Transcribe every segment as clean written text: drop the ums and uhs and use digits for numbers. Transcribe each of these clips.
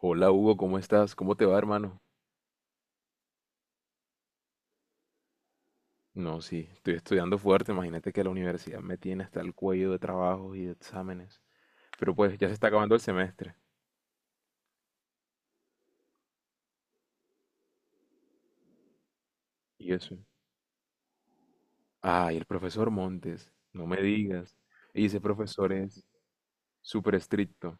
Hola Hugo, ¿cómo estás? ¿Cómo te va, hermano? No, sí, estoy estudiando fuerte. Imagínate que la universidad me tiene hasta el cuello de trabajos y de exámenes. Pero pues ya se está acabando el semestre. ¿Y eso? Ah, y el profesor Montes, no me digas. Y ese profesor es súper estricto.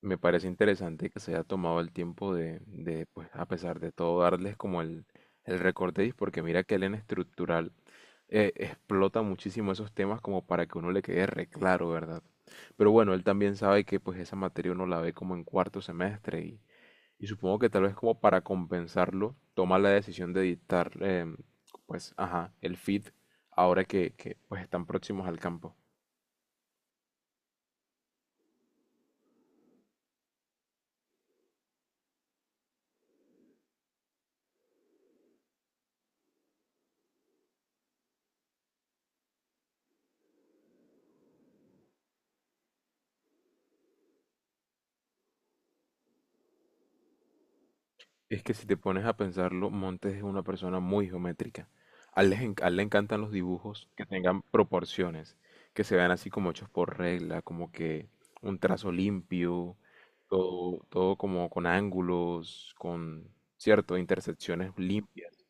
Me parece interesante que se haya tomado el tiempo pues, a pesar de todo, darles como el recorderis, porque mira que él en estructural explota muchísimo esos temas como para que uno le quede re claro, ¿verdad? Pero bueno, él también sabe que pues esa materia uno la ve como en cuarto semestre y supongo que tal vez como para compensarlo, toma la decisión de dictar, pues, ajá, el feed ahora que pues están próximos al campo. Es que si te pones a pensarlo, Montes es una persona muy geométrica. A él le encantan los dibujos que tengan proporciones, que se vean así como hechos por regla, como que un trazo limpio, todo como con ángulos, con, cierto, intersecciones limpias.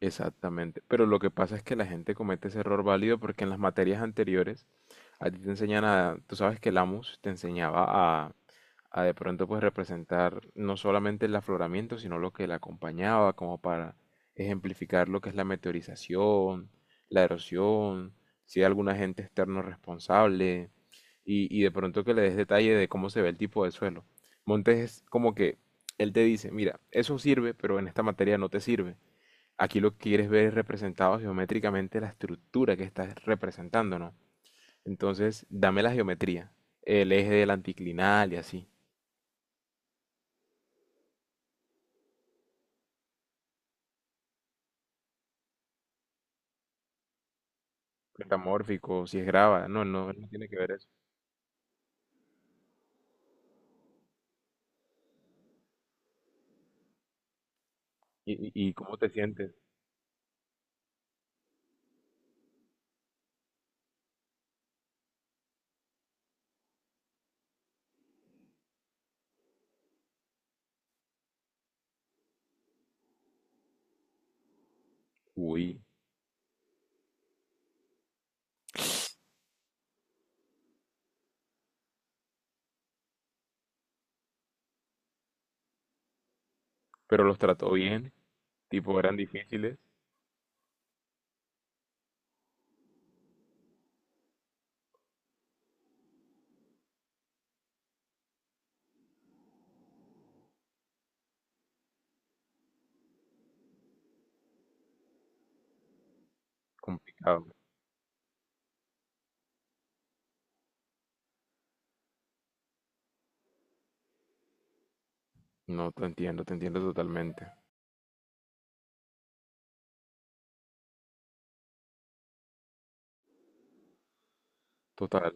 Exactamente, pero lo que pasa es que la gente comete ese error válido porque en las materias anteriores a ti te enseñan a, tú sabes que el AMUS te enseñaba a, a de pronto pues representar no solamente el afloramiento, sino lo que le acompañaba, como para ejemplificar lo que es la meteorización, la erosión, si hay algún agente externo responsable, y de pronto que le des detalle de cómo se ve el tipo de suelo. Montes es como que él te dice, mira, eso sirve, pero en esta materia no te sirve. Aquí lo que quieres ver es representado geométricamente la estructura que estás representando, ¿no? Entonces, dame la geometría, el eje del anticlinal y así, metamórfico, si es grava, no, no, no tiene que ver eso. ¿ Y cómo te sientes? Uy, pero los trató bien, tipo, eran difíciles, complicado. No, te entiendo totalmente. Total.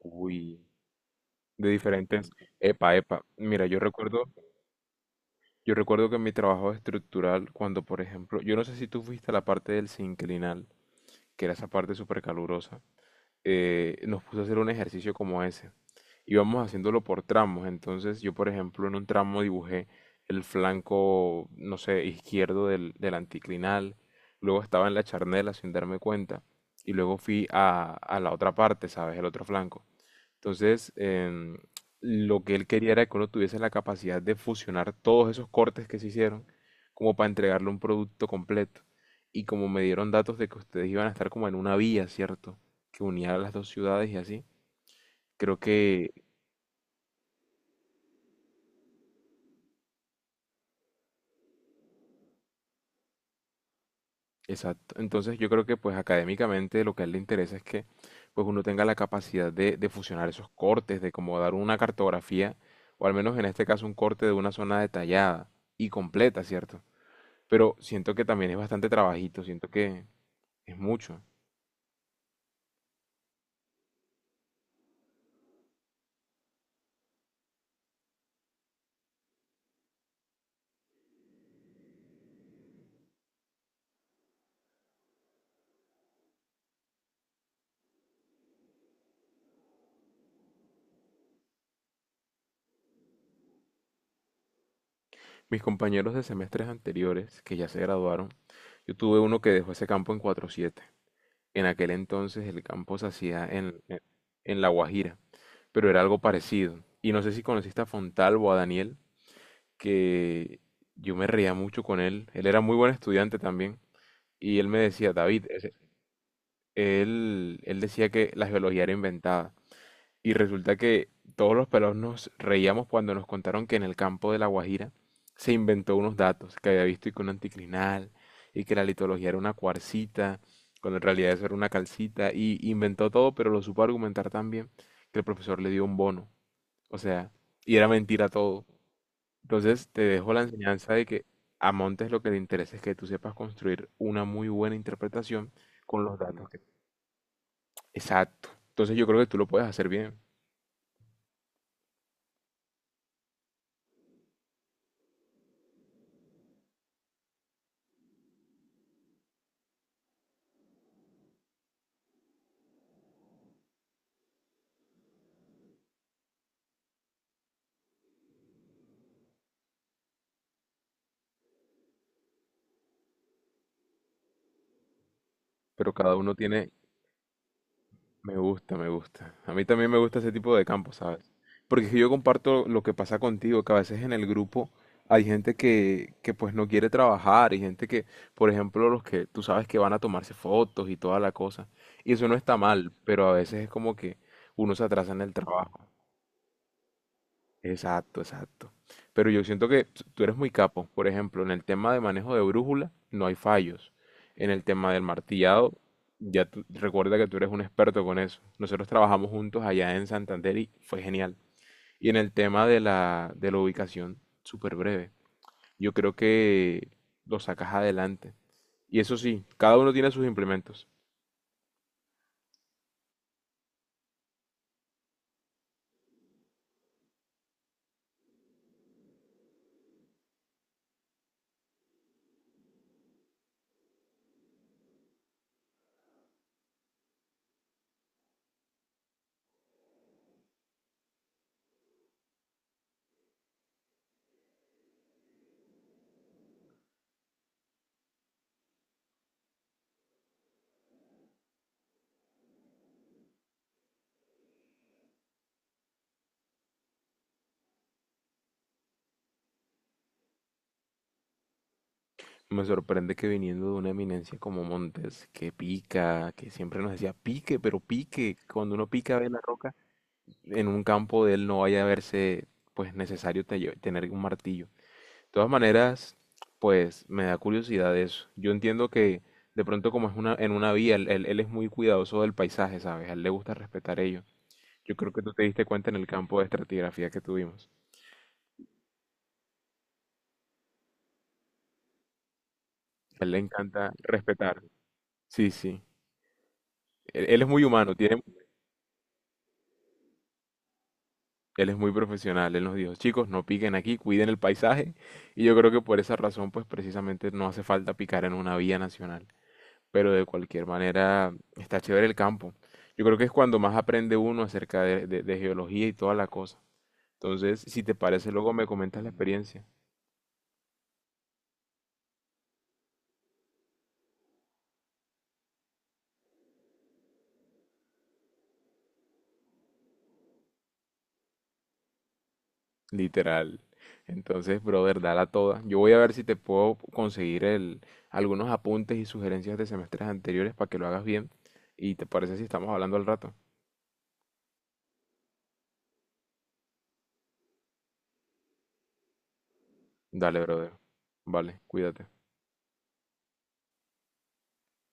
Uy, de diferentes. Epa, epa. Mira, yo recuerdo que en mi trabajo estructural, cuando por ejemplo, yo no sé si tú fuiste a la parte del sinclinal, que era esa parte súper calurosa, nos puso a hacer un ejercicio como ese. Íbamos haciéndolo por tramos, entonces yo, por ejemplo, en un tramo dibujé el flanco, no sé, izquierdo del anticlinal, luego estaba en la charnela sin darme cuenta, y luego fui a la otra parte, ¿sabes? El otro flanco. Entonces, lo que él quería era que uno tuviese la capacidad de fusionar todos esos cortes que se hicieron como para entregarle un producto completo. Y como me dieron datos de que ustedes iban a estar como en una vía, ¿cierto? Que unía las dos ciudades y así. Creo que, exacto. Entonces yo creo que pues académicamente lo que a él le interesa es que pues uno tenga la capacidad de fusionar esos cortes, de como dar una cartografía, o al menos en este caso un corte de una zona detallada y completa, ¿cierto? Pero siento que también es bastante trabajito, siento que es mucho. Mis compañeros de semestres anteriores, que ya se graduaron, yo tuve uno que dejó ese campo en 4.7. En aquel entonces el campo se hacía en La Guajira, pero era algo parecido. Y no sé si conociste a Fontalvo, a Daniel, que yo me reía mucho con él. Él era muy buen estudiante también. Y él me decía, David, él, él decía que la geología era inventada. Y resulta que todos los pelados nos reíamos cuando nos contaron que en el campo de La Guajira se inventó unos datos que había visto y que un anticlinal y que la litología era una cuarcita, cuando en realidad eso era una calcita y inventó todo, pero lo supo argumentar tan bien que el profesor le dio un bono. O sea, y era mentira todo. Entonces te dejo la enseñanza de que a Montes lo que le interesa es que tú sepas construir una muy buena interpretación con los datos que... Exacto. Entonces yo creo que tú lo puedes hacer bien, pero cada uno tiene. Me gusta, me gusta. A mí también me gusta ese tipo de campo, ¿sabes? Porque es que yo comparto lo que pasa contigo, que a veces en el grupo hay gente que pues no quiere trabajar, y gente que, por ejemplo, los que tú sabes que van a tomarse fotos y toda la cosa. Y eso no está mal, pero a veces es como que uno se atrasa en el trabajo. Exacto, exacto. Pero yo siento que tú eres muy capo. Por ejemplo, en el tema de manejo de brújula no hay fallos. En el tema del martillado, recuerda que tú eres un experto con eso. Nosotros trabajamos juntos allá en Santander y fue genial. Y en el tema de de la ubicación, súper breve. Yo creo que lo sacas adelante. Y eso sí, cada uno tiene sus implementos. Me sorprende que viniendo de una eminencia como Montes, que pica, que siempre nos decía pique, pero pique, cuando uno pica ve la roca en un campo de él no vaya a verse pues necesario tener un martillo. De todas maneras, pues me da curiosidad eso. Yo entiendo que de pronto como es una, en una vía, él es muy cuidadoso del paisaje, ¿sabes? A él le gusta respetar ello. Yo creo que tú te diste cuenta en el campo de estratigrafía que tuvimos. A él le encanta respetar. Sí, sí. Él es muy humano, tiene, él es muy profesional. Él nos dijo, chicos, no piquen aquí, cuiden el paisaje. Y yo creo que por esa razón, pues precisamente no hace falta picar en una vía nacional. Pero de cualquier manera está chévere el campo. Yo creo que es cuando más aprende uno acerca de, de geología y toda la cosa. Entonces, si te parece, luego me comentas la experiencia. Literal. Entonces, brother, dala toda. Yo voy a ver si te puedo conseguir el, algunos apuntes y sugerencias de semestres anteriores para que lo hagas bien. Y te parece si estamos hablando al rato. Dale, brother. Vale, cuídate.